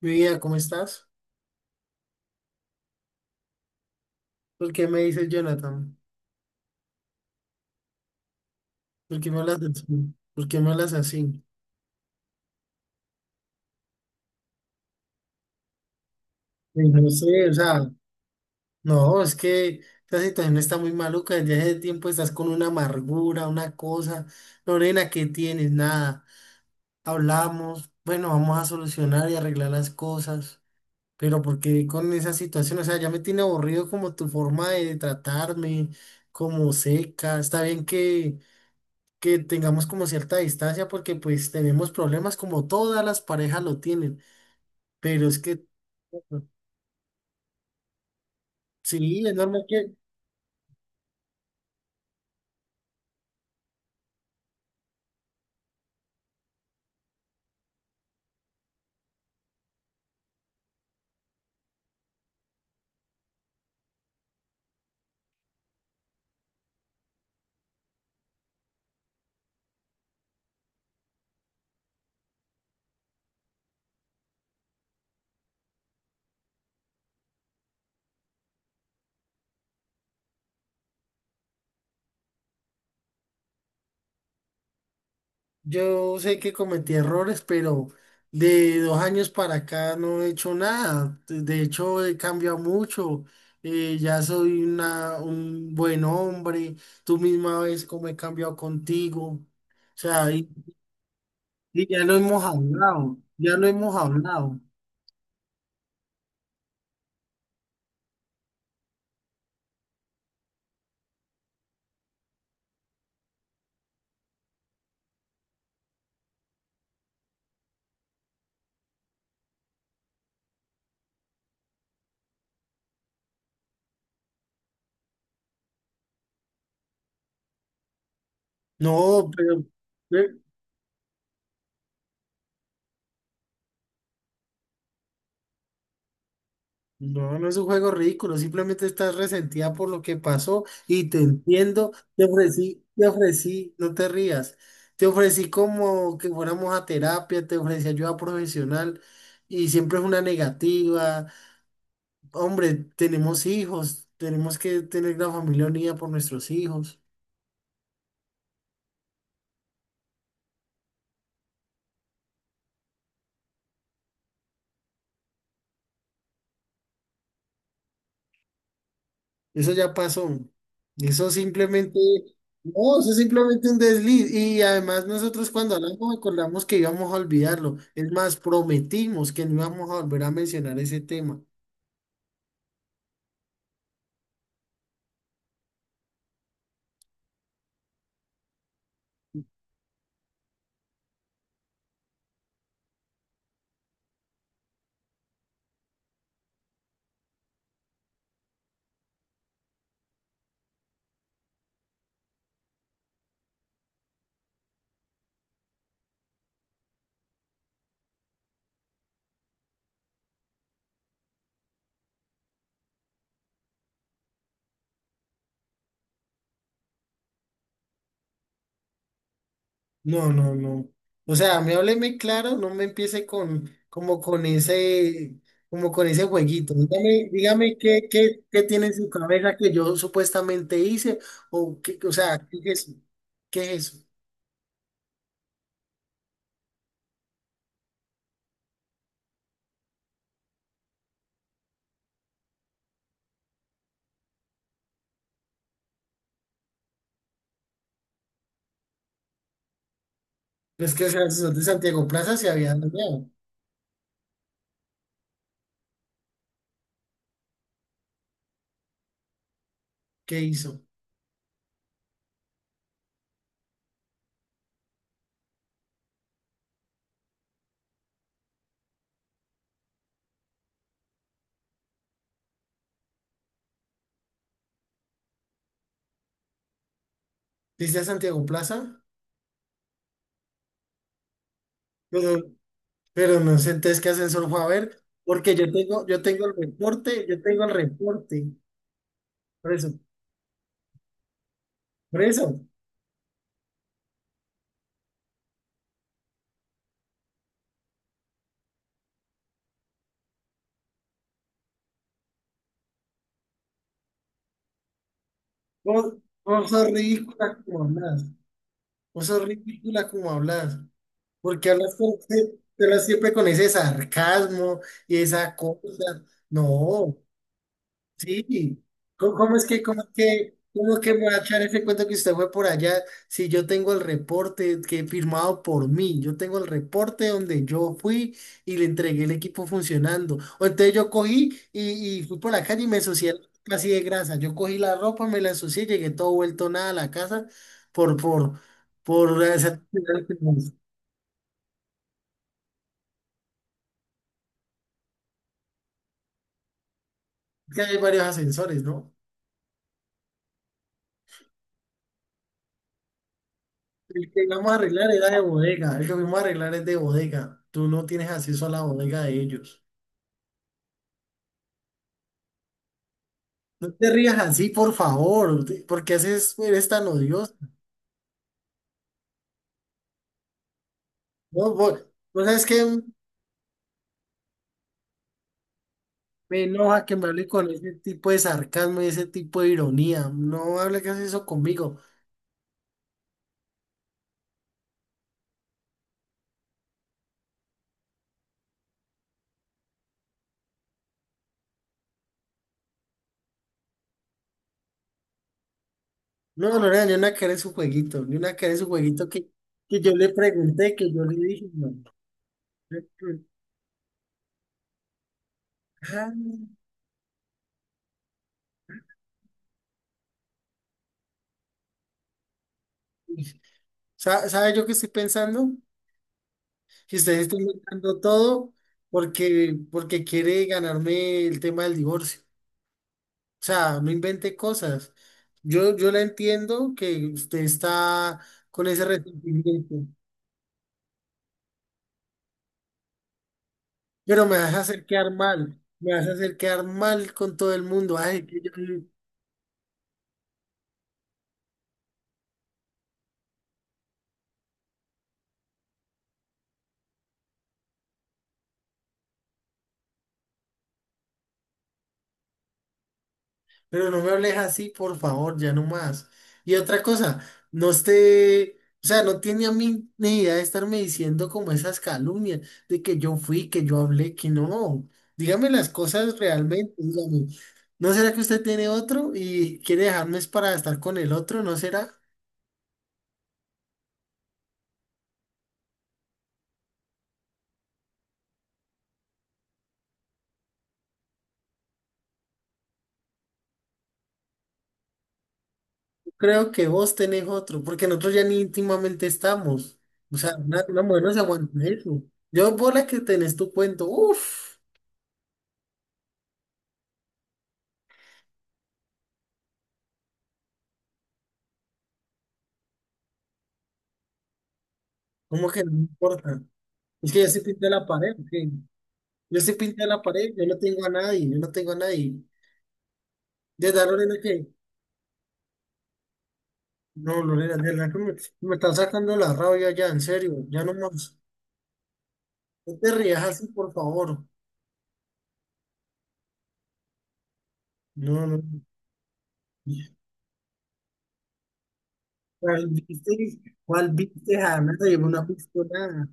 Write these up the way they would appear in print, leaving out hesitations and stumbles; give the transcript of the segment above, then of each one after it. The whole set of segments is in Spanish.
Mi vida, ¿cómo estás? ¿Por qué me dices Jonathan? ¿Por qué me hablas así? ¿Por qué me hablas así? Y no sé, o sea, no, es que esta situación está muy maluca. Desde hace tiempo estás con una amargura, una cosa. Lorena, ¿qué tienes? Nada. Hablamos, bueno, vamos a solucionar y arreglar las cosas. Pero ¿por qué con esa situación? O sea, ya me tiene aburrido como tu forma de tratarme, como seca. Está bien que tengamos como cierta distancia porque pues tenemos problemas como todas las parejas lo tienen, pero es que sí, es normal que yo sé que cometí errores, pero de 2 años para acá no he hecho nada, de hecho he cambiado mucho, ya soy un buen hombre, tú misma ves cómo he cambiado contigo, o sea, y ya lo hemos hablado, ya lo hemos hablado, no, pero... No, no es un juego ridículo, simplemente estás resentida por lo que pasó y te entiendo, te ofrecí, no te rías, te ofrecí como que fuéramos a terapia, te ofrecí ayuda profesional y siempre es una negativa. Hombre, tenemos hijos, tenemos que tener la familia unida por nuestros hijos. Eso ya pasó. Eso simplemente, no, eso es simplemente un desliz. Y además nosotros cuando hablamos acordamos que íbamos a olvidarlo. Es más, prometimos que no íbamos a volver a mencionar ese tema. No, no, no. O sea, me hábleme claro, no me empiece con, como con ese jueguito. Dígame, qué tiene en su cabeza que yo supuestamente hice, o qué, o sea, ¿qué es eso? ¿Qué es eso? Es que o sea, el señor de Santiago Plaza se había dañado. ¿Qué hizo? Dice a Santiago Plaza, pero, pero no sé entonces qué ascensor fue a ver, porque yo tengo el reporte, yo tengo el reporte, por eso, por eso, vos, vos sos ridícula como hablas, vos sos ridícula como hablas, porque te hablas siempre con ese sarcasmo y esa cosa, no, sí, ¿cómo, cómo es que, cómo es que, cómo es que me va a echar ese cuento que usted fue por allá si yo tengo el reporte que firmado por mí? Yo tengo el reporte donde yo fui y le entregué el equipo funcionando. O entonces yo cogí y fui por la calle y me ensucié la ropa así de grasa. Yo cogí la ropa, me la ensucié, llegué todo vuelto nada a la casa por, por, por, esa- es Que hay varios ascensores, ¿no? El que íbamos a arreglar era de bodega, el que fuimos a arreglar es de bodega. Tú no tienes acceso a la bodega de ellos. No te rías así, por favor, eres tan odioso. No, vos sabes que me enoja que me hable con ese tipo de sarcasmo y ese tipo de ironía. No hable que haces eso conmigo. No, Lorena, yo no, ni una que su jueguito, ni una que su jueguito que yo le pregunté, que yo le dije, no. No, no. Ah, ¿sabe yo qué estoy pensando? Si ustedes están logrando todo porque quiere ganarme el tema del divorcio. O sea, no invente cosas. Yo la entiendo que usted está con ese resentimiento, pero me vas a hacer quedar mal. Me vas a hacer quedar mal con todo el mundo. Ay, que yo, no. Pero no me hables así, por favor, ya no más. Y otra cosa, no esté, o sea, no tiene a mí ni idea de estarme diciendo como esas calumnias de que yo fui, que yo hablé, que no. Dígame las cosas realmente, dígame. ¿No será que usted tiene otro y quiere dejarme es para estar con el otro? ¿No será? Creo que vos tenés otro, porque nosotros ya ni íntimamente estamos. O sea, una mujer no se aguanta eso. Yo por la que tenés tu cuento, uff, como que no importa. Es que yo sí pinté la pared, ¿ok? Yo sí pinté la pared, yo no tengo a nadie, yo no tengo a nadie. Desde a Lorena que, no, Lorena, de verdad que me está sacando la rabia ya, en serio, ya no más. No te rías así, por favor. No, no. ¿Cuál viste? ¿Cuál viste? Jamás yo no he visto nada.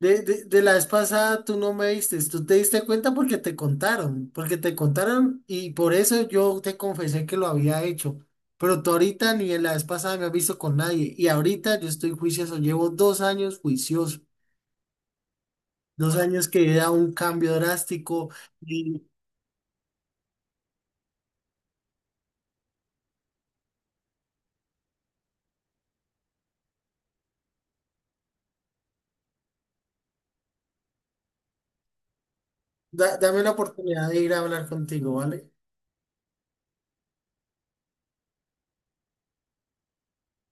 De la vez pasada tú no me diste, tú te diste cuenta porque te contaron y por eso yo te confesé que lo había hecho. Pero tú ahorita ni en la vez pasada me has visto con nadie y ahorita yo estoy juicioso, llevo 2 años juicioso, 2 años que he dado un cambio drástico y dame la oportunidad de ir a hablar contigo, ¿vale?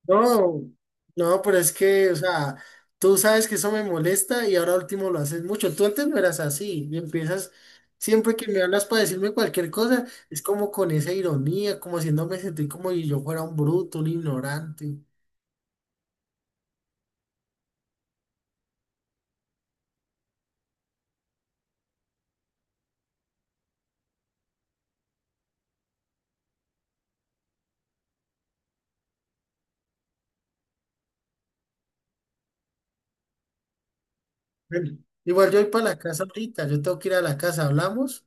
No, no, pero es que, o sea, tú sabes que eso me molesta y ahora último lo haces mucho. Tú antes no eras así y empiezas, siempre que me hablas para decirme cualquier cosa, es como con esa ironía, como haciéndome sentir como si yo fuera un bruto, un ignorante. Bueno, igual yo voy para la casa ahorita, yo tengo que ir a la casa, ¿hablamos?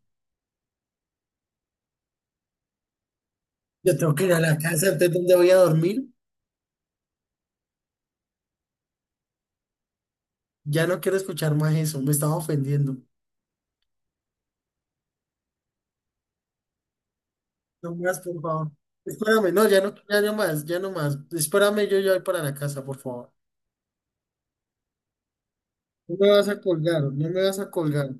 Yo tengo que ir a la casa, entonces ¿dónde voy a dormir? Ya no quiero escuchar más eso, me estaba ofendiendo. No más, por favor. Espérame, no, ya no, ya no más, ya no más. Espérame, yo ya voy para la casa, por favor. No me vas a colgar, no me vas a colgar.